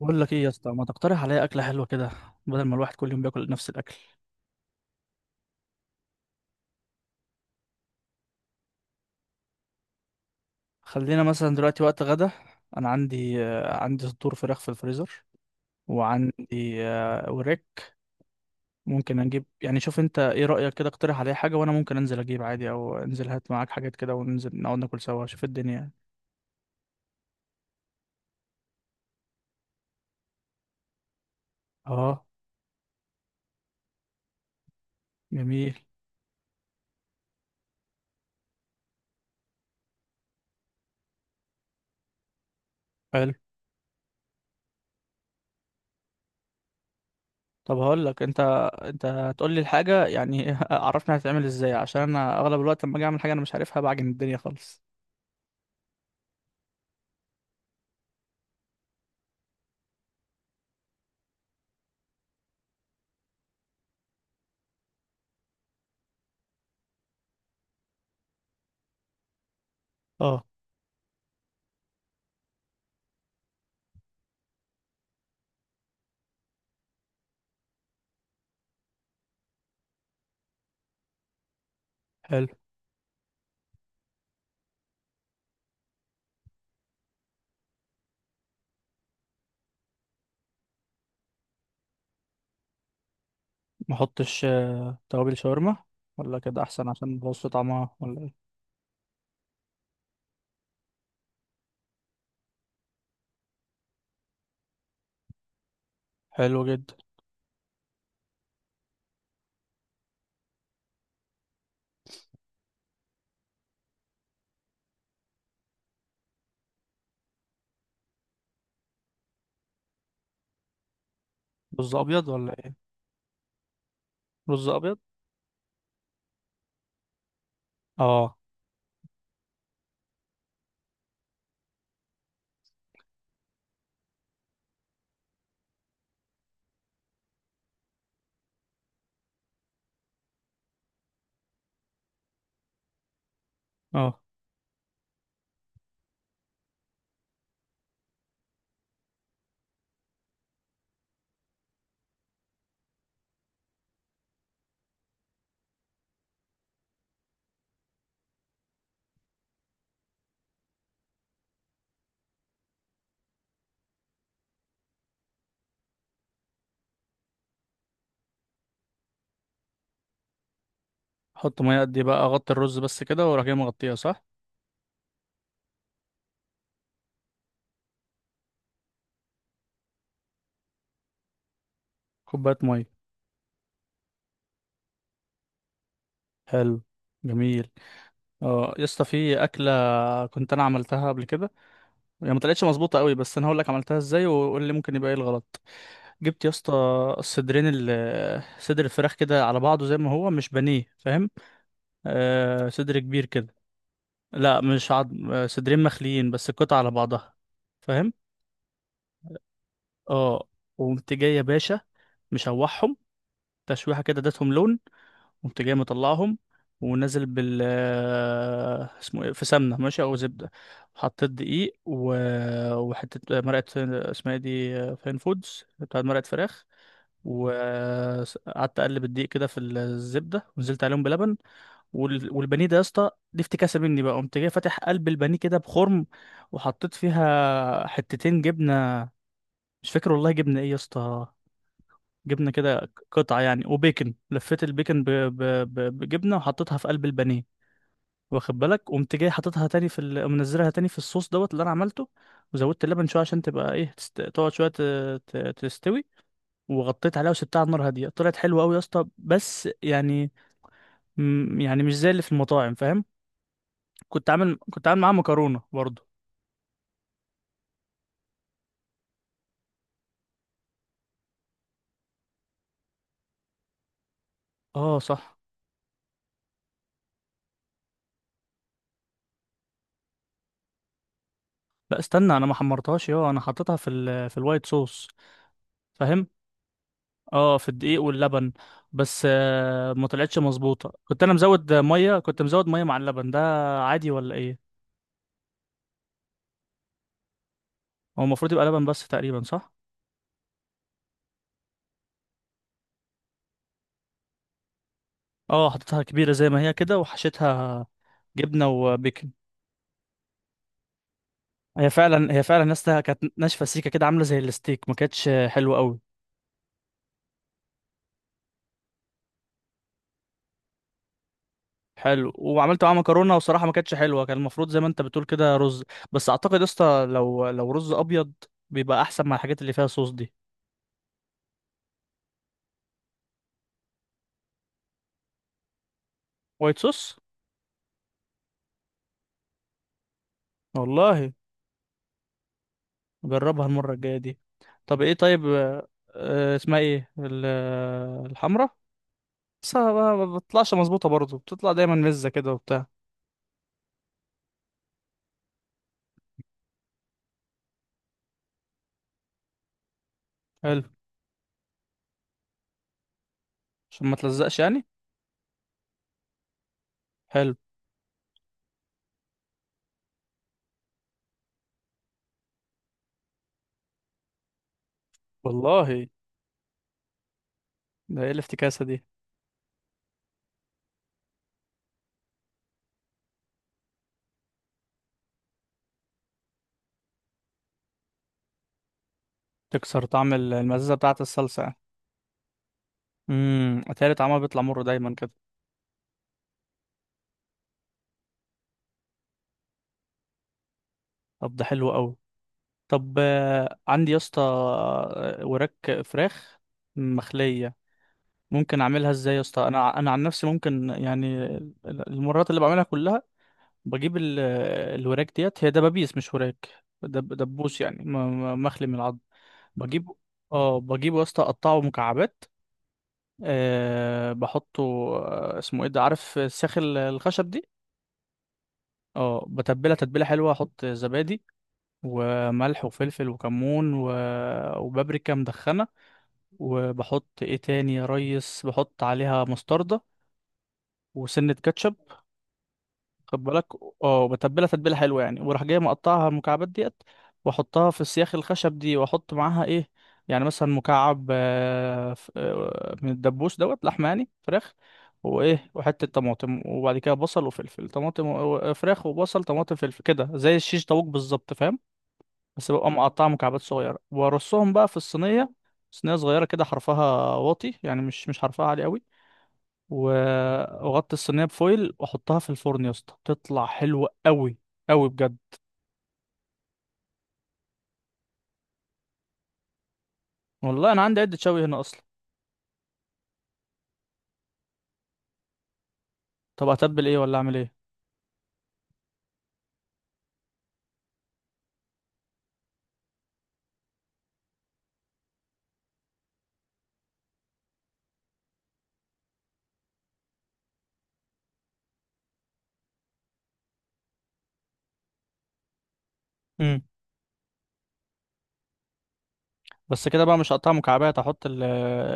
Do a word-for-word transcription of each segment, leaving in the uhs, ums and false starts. بقول لك ايه يا اسطى، ما تقترح عليا اكله حلوه كده؟ بدل ما الواحد كل يوم بياكل نفس الاكل. خلينا مثلا دلوقتي وقت غدا. انا عندي آه، عندي صدور فراخ في الفريزر، وعندي آه، وراك. ممكن اجيب، يعني شوف انت ايه رايك كده، اقترح عليا حاجه وانا ممكن انزل اجيب عادي، او انزل هات معاك حاجات كده وننزل نقعد ناكل سوا، شوف الدنيا يعني. اه، جميل. حلو. طب هقول لك انت، انت هتقول لي الحاجه يعني عرفني هتتعمل ازاي، عشان انا اغلب الوقت لما اجي اعمل حاجه انا مش عارفها بعجن الدنيا خالص. اه، حلو. ما احطش توابل شاورما ولا كده احسن عشان بوظ طعمها ولا ايه؟ حلو جدا. رز ابيض ولا ايه؟ رز ابيض. اه. اه. حط ميه قد ايه بقى، اغطي الرز بس كده واروح جاي مغطيها صح؟ كوبايه ميه. حلو. جميل. اه يا اسطى، في اكله كنت انا عملتها قبل كده، هي ما طلعتش مظبوطه قوي، بس انا هقول لك عملتها ازاي وقول لي ممكن يبقى ايه الغلط. جبت يا اسطى الصدرين ال- صدر الفراخ كده على بعضه زي ما هو، مش بانيه، فاهم؟ آه، صدر كبير كده. لا مش عظم، صدرين مخليين بس القطع على بعضها، فاهم. اه. وقمت جاي يا باشا مشوحهم تشويحه كده، اديتهم لون، قمت جاي مطلعهم ونازل بال آه، اسمه ايه، في سمنه ماشي او زبده، حطيت دقيق و... وحته مرقه، اسمها ايه دي، فين فودز بتاعت مرقه فراخ. وقعدت اقلب الدقيق كده في الزبده، ونزلت عليهم بلبن. وال- والبانيه ده يا اسطى دي افتكاسه مني، بقى قمت جاي فاتح قلب البانيه كده بخرم، وحطيت فيها حتتين جبنه، مش فاكر والله جبنه ايه يا اسطى، جبنه كده ك- قطعه يعني، وبيكن، لفيت البيكن ب... ب... ب... بجبنه وحطيتها في قلب البانيه. واخد بالك، قمت جاي حاططها تاني في ال... منزلها تاني في الصوص دوت اللي انا عملته، وزودت اللبن شويه عشان تبقى ايه، تست... تقعد شويه ت... ت... تستوي، وغطيت عليها وسبتها على النار هاديه. طلعت حلوه قوي يا اسطى، بس يعني م- يعني مش زي اللي في المطاعم، فاهم؟ كنت عامل كنت عامل معاها مكرونه برضو. اه صح. لا استنى، انا ما حمرتهاش، اه انا حطيتها في ال... في الوايت صوص، فاهم؟ اه، في الدقيق واللبن بس. آه ما طلعتش مظبوطه، كنت انا مزود ميه، كنت مزود ميه مع اللبن ده عادي ولا ايه؟ هو المفروض يبقى لبن بس تقريبا، صح؟ اه، حطيتها كبيره زي ما هي كده وحشيتها جبنه وبيكن. هي فعلا هي فعلا يا اسطى كانت ناشفه سيكه كده، عامله زي الستيك، ما كانتش حلوه قوي. حلو. وعملت معاها مكرونه، وصراحه ما كانتش حلوه، كان المفروض زي ما انت بتقول كده رز. بس اعتقد يا اسطى، لو لو رز ابيض بيبقى احسن مع الحاجات اللي فيها صوص دي. وايت صوص. والله. جربها المره الجايه دي. طب ايه، طيب آه، آه، اسمها ايه ال- آه، الحمرا؟ بس ما ما بتطلعش مظبوطه برضه، بتطلع دايما مزه كده وبتاع. حلو. عشان ما تلزقش يعني؟ حلو. والله، ده ايه الافتكاسه دي؟ تكسر طعم ال- المزازه بتاعه الصلصه يعني؟ امم اتهيألي طعمها بيطلع مر دايما كده. طب ده حلو قوي. طب آه، عندي يا اسطى آه، وراك فراخ مخلية، ممكن اعملها ازاي يا اسطى؟ انا انا عن نفسي ممكن يعني، المرات اللي بعملها كلها بجيب ال- الوراك ديت، هي دبابيس مش وراك، دب دبوس يعني، م- م- مخلي من العظم. بجيب، اه بجيبه يا اسطى اقطعه مكعبات. أه بحطه، آه، اسمه ايه ده، عارف الساخ ال- الخشب دي. اه، بتبلها تتبيله حلوه، احط زبادي وملح وفلفل وكمون و... وبابريكا مدخنه. وبحط ايه تاني يا ريس، بحط عليها مستردة وسنة كاتشب، خد بالك. اه، وبتبلها تتبيلة حلوة يعني، وراح جاي مقطعها المكعبات ديت واحطها في السياخ الخشب دي، واحط معاها ايه، يعني مثلا مكعب آه، ف- آه، من الدبوس دوت لحمة يعني فراخ، وايه، وحتة طماطم، وبعد كده بصل وفلفل طماطم و- و- فراخ وبصل طماطم فلفل، كده زي الشيش طاووق بالظبط، فاهم؟ بس ببقى مقطعة مكعبات صغيرة، وارصهم بقى في الصينية، صينية صغيرة كده حرفها واطي يعني، مش مش حرفها عالي قوي، و- واغطي الصينية بفويل واحطها في الفرن يا اسطى، تطلع حلوة قوي قوي بجد. والله انا عندي عدة شوي هنا اصلا. طب اتبل ايه، ولا اعمل ايه؟ امم. بس كده بقى؟ مش هقطعها مكعبات، احط ال-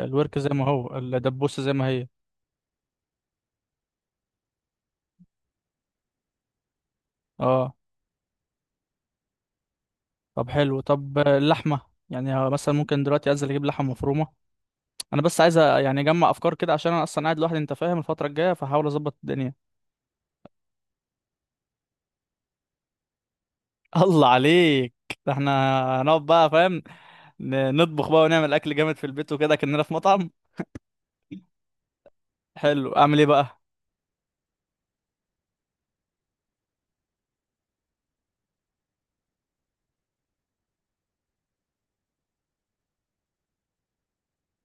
الورك زي ما هو، الدبوسة زي ما هي. اه. طب حلو. طب اللحمة، يعني مثلا ممكن دلوقتي انزل اجيب لحمة مفرومة، انا بس عايز أ- يعني اجمع افكار كده، عشان انا اصلا قاعد لوحدي، انت فاهم، الفترة الجاية، فحاول اظبط الدنيا. الله عليك، ده احنا هنقعد بقى، فاهم، ن- نطبخ بقى ونعمل اكل جامد في البيت وكده، كأننا في مطعم. حلو، اعمل ايه بقى؟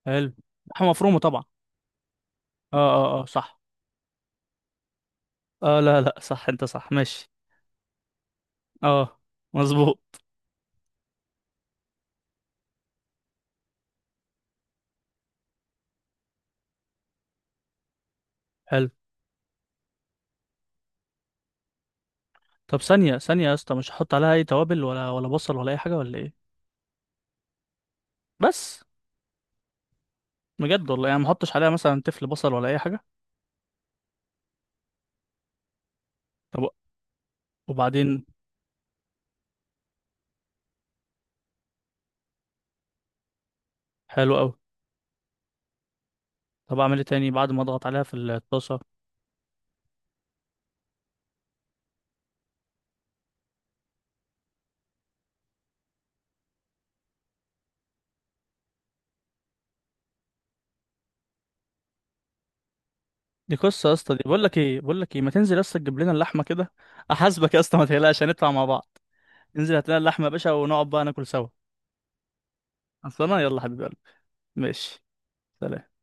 حلو. لحمه مفرومه طبعا. اه، اه، اه، صح. اه، لا لا، صح، انت صح، ماشي. اه. مظبوط. حلو. طب ثانيه ثانيه يا اسطى، مش هحط عليها اي توابل، ولا ولا بصل ولا اي حاجه ولا ايه؟ بس؟ بجد والله؟ يعني ما احطش عليها مثلا تفل بصل ولا اي حاجه؟ طب، وبعدين؟ حلو قوي. طب اعمل ايه تاني بعد ما اضغط عليها في الطاسه؟ دي قصة يا اسطى. دي بقول لك ايه بقول لك ايه ما تنزل يا اسطى تجيب لنا اللحمة كده، احاسبك يا اسطى، ما تقلقش، هندفع مع بعض. انزل هات لنا اللحمة يا باشا، ونقعد بقى ناكل سوا. اصل انا، يلا حبيب قلبي. ماشي. سلام.